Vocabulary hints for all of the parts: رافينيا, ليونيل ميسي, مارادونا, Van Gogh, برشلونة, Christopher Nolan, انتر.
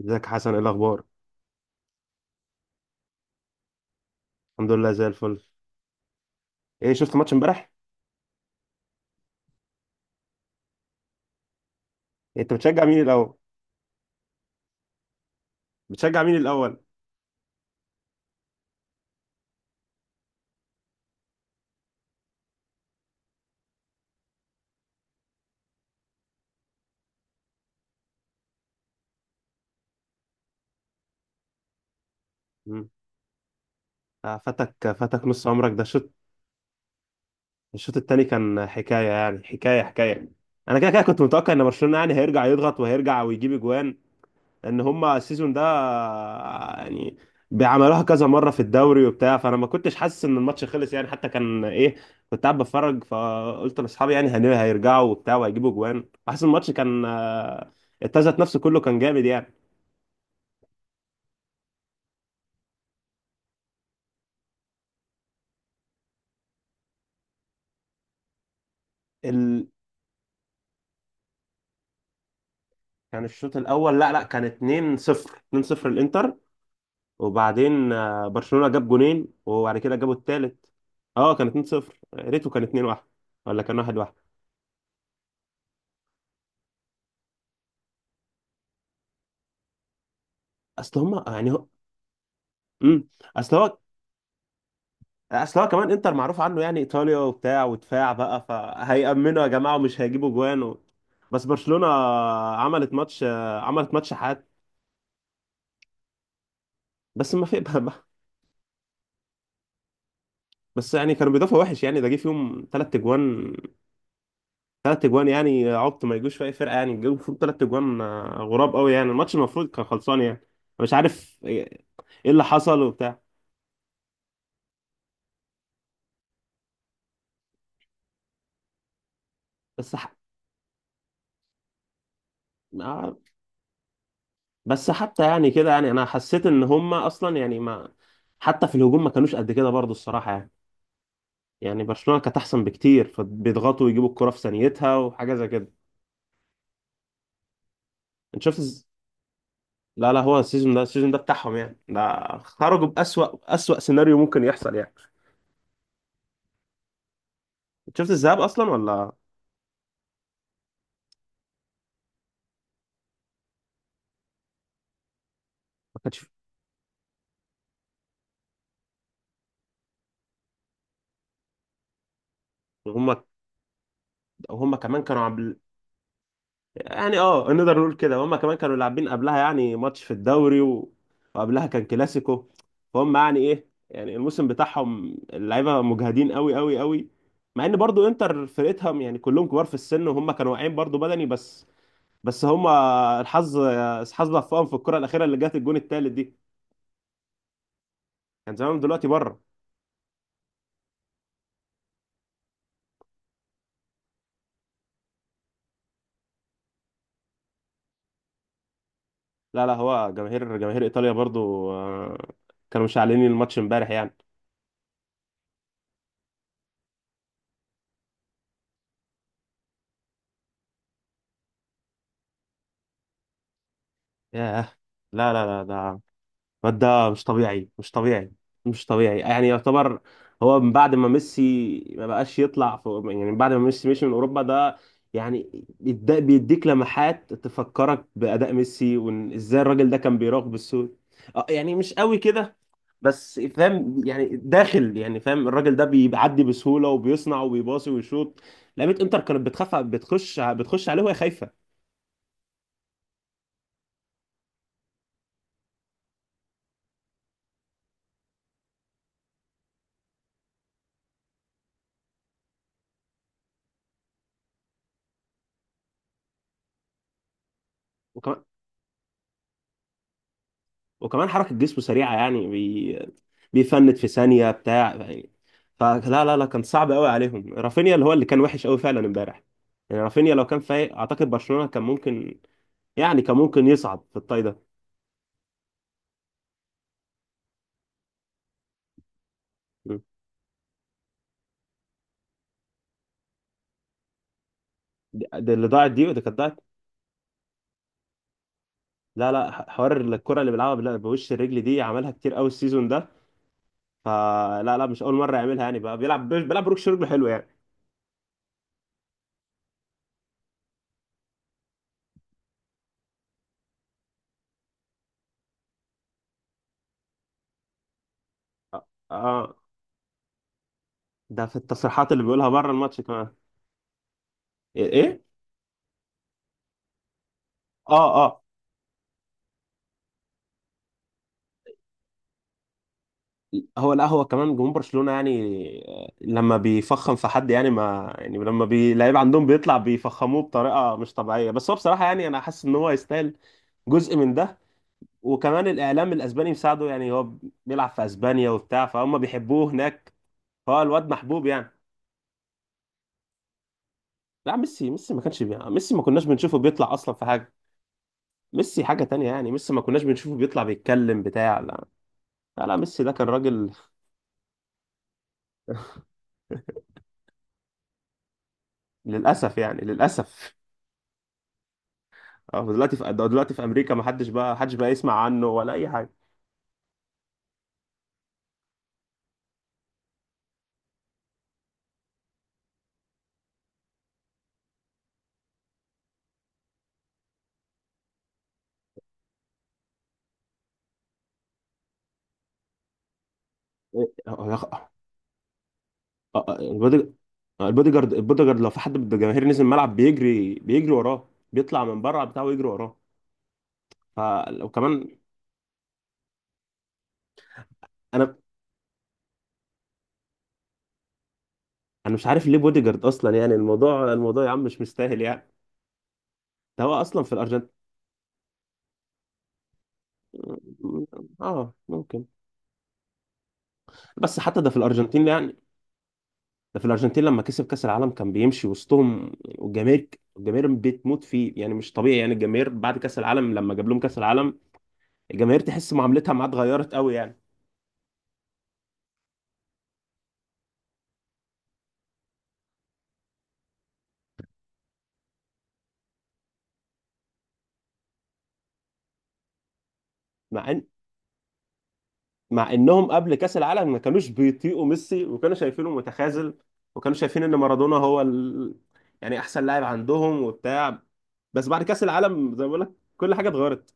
ازيك يا حسن، ايه الاخبار؟ الحمد لله، زي الفل. ايه، شفت ماتش امبارح؟ انت بتشجع مين الاول؟ بتشجع مين الاول؟ مم. فاتك نص عمرك ده الشوط. الشوط التاني كان حكايه، يعني حكايه حكايه. انا كده كده كنت متوقع ان برشلونه يعني هيرجع يضغط وهيرجع ويجيب اجوان. ان هما السيزون ده، يعني بيعملوها كذا مره في الدوري وبتاع، فانا ما كنتش حاسس ان الماتش خلص يعني، حتى كان ايه. كنت قاعد بتفرج فقلت لاصحابي يعني هيرجعوا وبتاع وهيجيبوا اجوان، حاسس الماتش كان، التزت نفسه كله كان جامد يعني. ال... كان الشوط الاول، لا لا، كان 2 0، 2 0 الانتر. وبعدين برشلونة جاب جونين، وبعد كده جابوا الثالث. اه، كان 2 0، ريتو كان 2 1، ولا كان 1 1. اصل هم يعني هو، امم اصل هو اصل هو كمان انتر معروف عنه يعني ايطاليا وبتاع ودفاع بقى، فهيأمنوا يا جماعة ومش هيجيبوا جوان بس برشلونة عملت ماتش حاد. بس ما في بس يعني كانوا بيدافعوا وحش، يعني ده جه فيهم ثلاث اجوان، ثلاث اجوان يعني عبط ما يجوش في اي فرقه، يعني جابوا المفروض ثلاث اجوان، غراب قوي، يعني الماتش المفروض كان خلصان يعني. مش عارف ايه. إيه اللي حصل وبتاع. بس ح... آه، بس حتى يعني كده، يعني انا حسيت ان هم اصلا يعني ما، حتى في الهجوم ما كانوش قد كده برضو الصراحه يعني. يعني برشلونه كانت احسن بكتير، فبيضغطوا ويجيبوا الكره في ثانيتها وحاجه زي كده. انت شفت لا لا، هو السيزون ده بتاعهم يعني، ده خرجوا بأسوأ أسوأ سيناريو ممكن يحصل يعني. انت شفت الذهاب اصلا، ولا؟ ما كانش. هم وهم كمان كانوا يعني، اه، نقدر نقول كده هم كمان كانوا لاعبين قبلها، يعني ماتش في الدوري وقبلها كان كلاسيكو. فهم يعني ايه، يعني الموسم بتاعهم اللعيبه مجهدين قوي قوي قوي. مع ان برضو انتر فرقتهم يعني كلهم كبار في السن، وهم كانوا واقعين برضو بدني. بس بس هم، الحظ الحظ وفقهم في الكره الاخيره اللي جت، الجون التالت دي كان زمانهم دلوقتي بره. لا لا، هو جماهير ايطاليا برضو، كانوا مشعلين الماتش امبارح يعني. ياه. لا لا لا، ده الواد ده مش طبيعي، مش طبيعي مش طبيعي، يعني يعتبر هو من بعد ما ميسي ما بقاش يطلع في، يعني من بعد ما ميسي مشي من اوروبا ده يعني بيديك لمحات تفكرك باداء ميسي، وان ازاي الراجل ده كان بيراوغ بالسود. يعني مش قوي كده، بس فاهم يعني داخل، يعني فاهم، الراجل ده بيعدي بسهوله وبيصنع وبيباصي ويشوط. لعيبه انتر كانت بتخاف، بتخش بتخش عليه وهي خايفه. وكمان حركة جسمه سريعة، يعني بيفند في ثانية بتاع يعني. فلا لا لا، كان صعب قوي عليهم. رافينيا اللي هو اللي كان وحش قوي فعلا امبارح، يعني رافينيا لو كان فايق اعتقد برشلونة كان ممكن، يعني كان ممكن يصعد في الطاي ده. مم. دي اللي ضاعت دي، ودي كانت ضاعت. لا لا، حوار الكرة اللي بيلعبها بوش الرجل دي عملها كتير قوي السيزون ده، فلا لا مش اول مرة يعملها يعني، بقى بيلعب، ركش رجل حلو يعني. اه. آه. ده في التصريحات اللي بيقولها بره الماتش كمان. إيه؟ اه، اه. هو لا، هو كمان جمهور برشلونة يعني، لما بيفخم في حد يعني، ما يعني، لما لعيب عندهم بيطلع بيفخموه بطريقة مش طبيعية، بس هو بصراحة يعني، انا حاسس ان هو يستاهل جزء من ده. وكمان الاعلام الاسباني مساعده يعني، هو بيلعب في اسبانيا وبتاع، فهم بيحبوه هناك، فهو الواد محبوب يعني. لا، ميسي ما كانش ميسي ما كناش بنشوفه بيطلع اصلا في حاجة. ميسي حاجة تانية يعني، ميسي ما كناش بنشوفه بيطلع بيتكلم بتاع، لا. لا لا، ميسي ده كان راجل. للأسف يعني للأسف. اه، دلوقتي في ده، دلوقتي في امريكا ما حدش بقى، يسمع عنه ولا اي حاجه. إيه، هو يخ- آه، آه، البودي- البودي جارد لو في حد من الجماهير نزل الملعب بيجري بيجري وراه، بيطلع من بره بتاعه ويجري وراه. فلو كمان، انا انا مش عارف ليه بودي جارد اصلا، يعني الموضوع، يا عم مش مستاهل يعني. ده هو اصلا في الارجنتين. اه. ممكن، بس حتى ده في الارجنتين يعني. ده في الارجنتين لما كسب كاس العالم كان بيمشي وسطهم، والجماهير، الجماهير بتموت فيه يعني مش طبيعي يعني. الجماهير بعد كاس العالم لما جاب لهم كاس العالم، الجماهير تحس معاملتها معاه اتغيرت قوي يعني. مع ان مع انهم قبل كاس العالم ما كانوش بيطيقوا ميسي، وكانوا شايفينه متخاذل، وكانوا شايفين ان مارادونا هو يعني احسن لاعب عندهم وبتاع. بس بعد كاس العالم زي ما بقول لك، كل حاجه اتغيرت.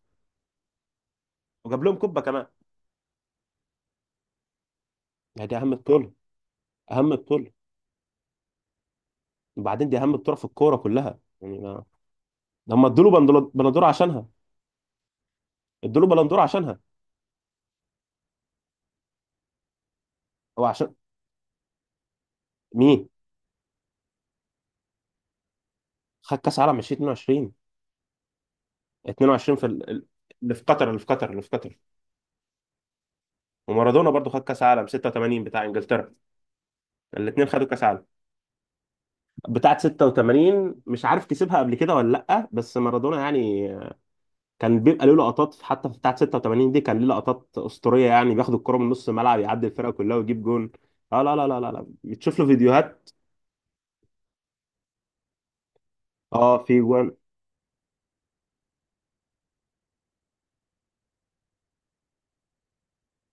وجاب لهم كوبا كمان، يعني دي اهم بطوله. اهم بطوله وبعدين، دي اهم بطوله في الكوره كلها يعني ما... هم ادوا له بلندور عشانها. ادوا له بلندور عشانها. هو عشان، مين؟ خد كاس عالم 2022، 22 في اللي في قطر، اللي في قطر، اللي في قطر. ومارادونا برضو خد كاس عالم 86 بتاع انجلترا. الاثنين خدوا كاس عالم. بتاعه 86 مش عارف كسبها قبل كده ولا لا، بس مارادونا يعني، كان بيبقى له لقطات حتى في بتاعه 86 دي، كان ليه لقطات اسطوريه يعني، بياخد الكره من نص الملعب يعدي الفرقه كلها ويجيب جون. اه، لا لا لا لا لا، بتشوف له فيديوهات. اه، في جوان.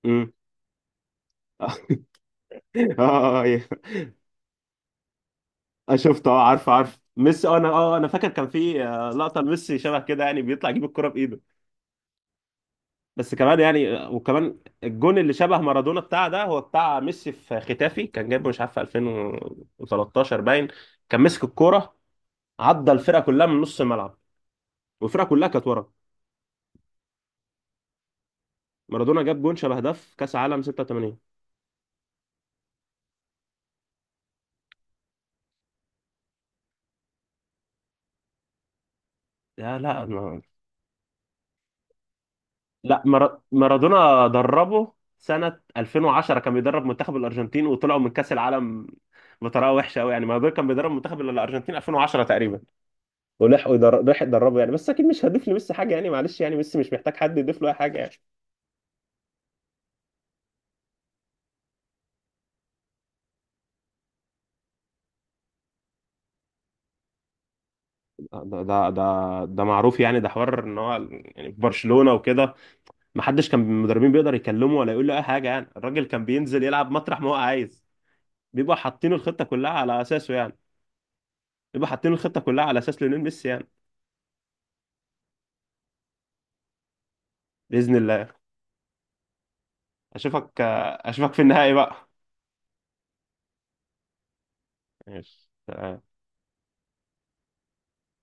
امم. اه. آه، شفت، عارف عارف ميسي، انا فاكر كان في، لقطه لميسي شبه كده، يعني بيطلع يجيب الكره بايده. بس كمان يعني، وكمان الجون اللي شبه مارادونا بتاع ده، هو بتاع ميسي في ختافي، كان جايبه مش عارف في 2013 باين، كان مسك الكوره، عدى الفرقه كلها من نص الملعب والفرقه كلها كانت ورا. مارادونا جاب جون شبه ده في كاس عالم 86. لا لا لا مارادونا دربه سنه 2010، كان بيدرب منتخب الارجنتين وطلعوا من كاس العالم بطريقه وحشه قوي يعني. مارادونا كان بيدرب منتخب الارجنتين 2010 تقريبا، ولحقوا راح يدربه يعني، بس اكيد مش هضيف لميسي حاجه يعني، معلش يعني ميسي مش محتاج حد يضيف له اي حاجه يعني. ده ده معروف يعني، ده حوار ان هو، يعني في برشلونة وكده ما حدش كان من المدربين بيقدر يكلمه ولا يقول له اي حاجة يعني، الراجل كان بينزل يلعب مطرح ما هو عايز، بيبقى حاطين الخطة كلها على اساسه يعني. بيبقى حاطين الخطة كلها على اساس ليونيل ميسي يعني. بإذن الله. اشوفك، اشوفك في النهائي بقى. ماشي.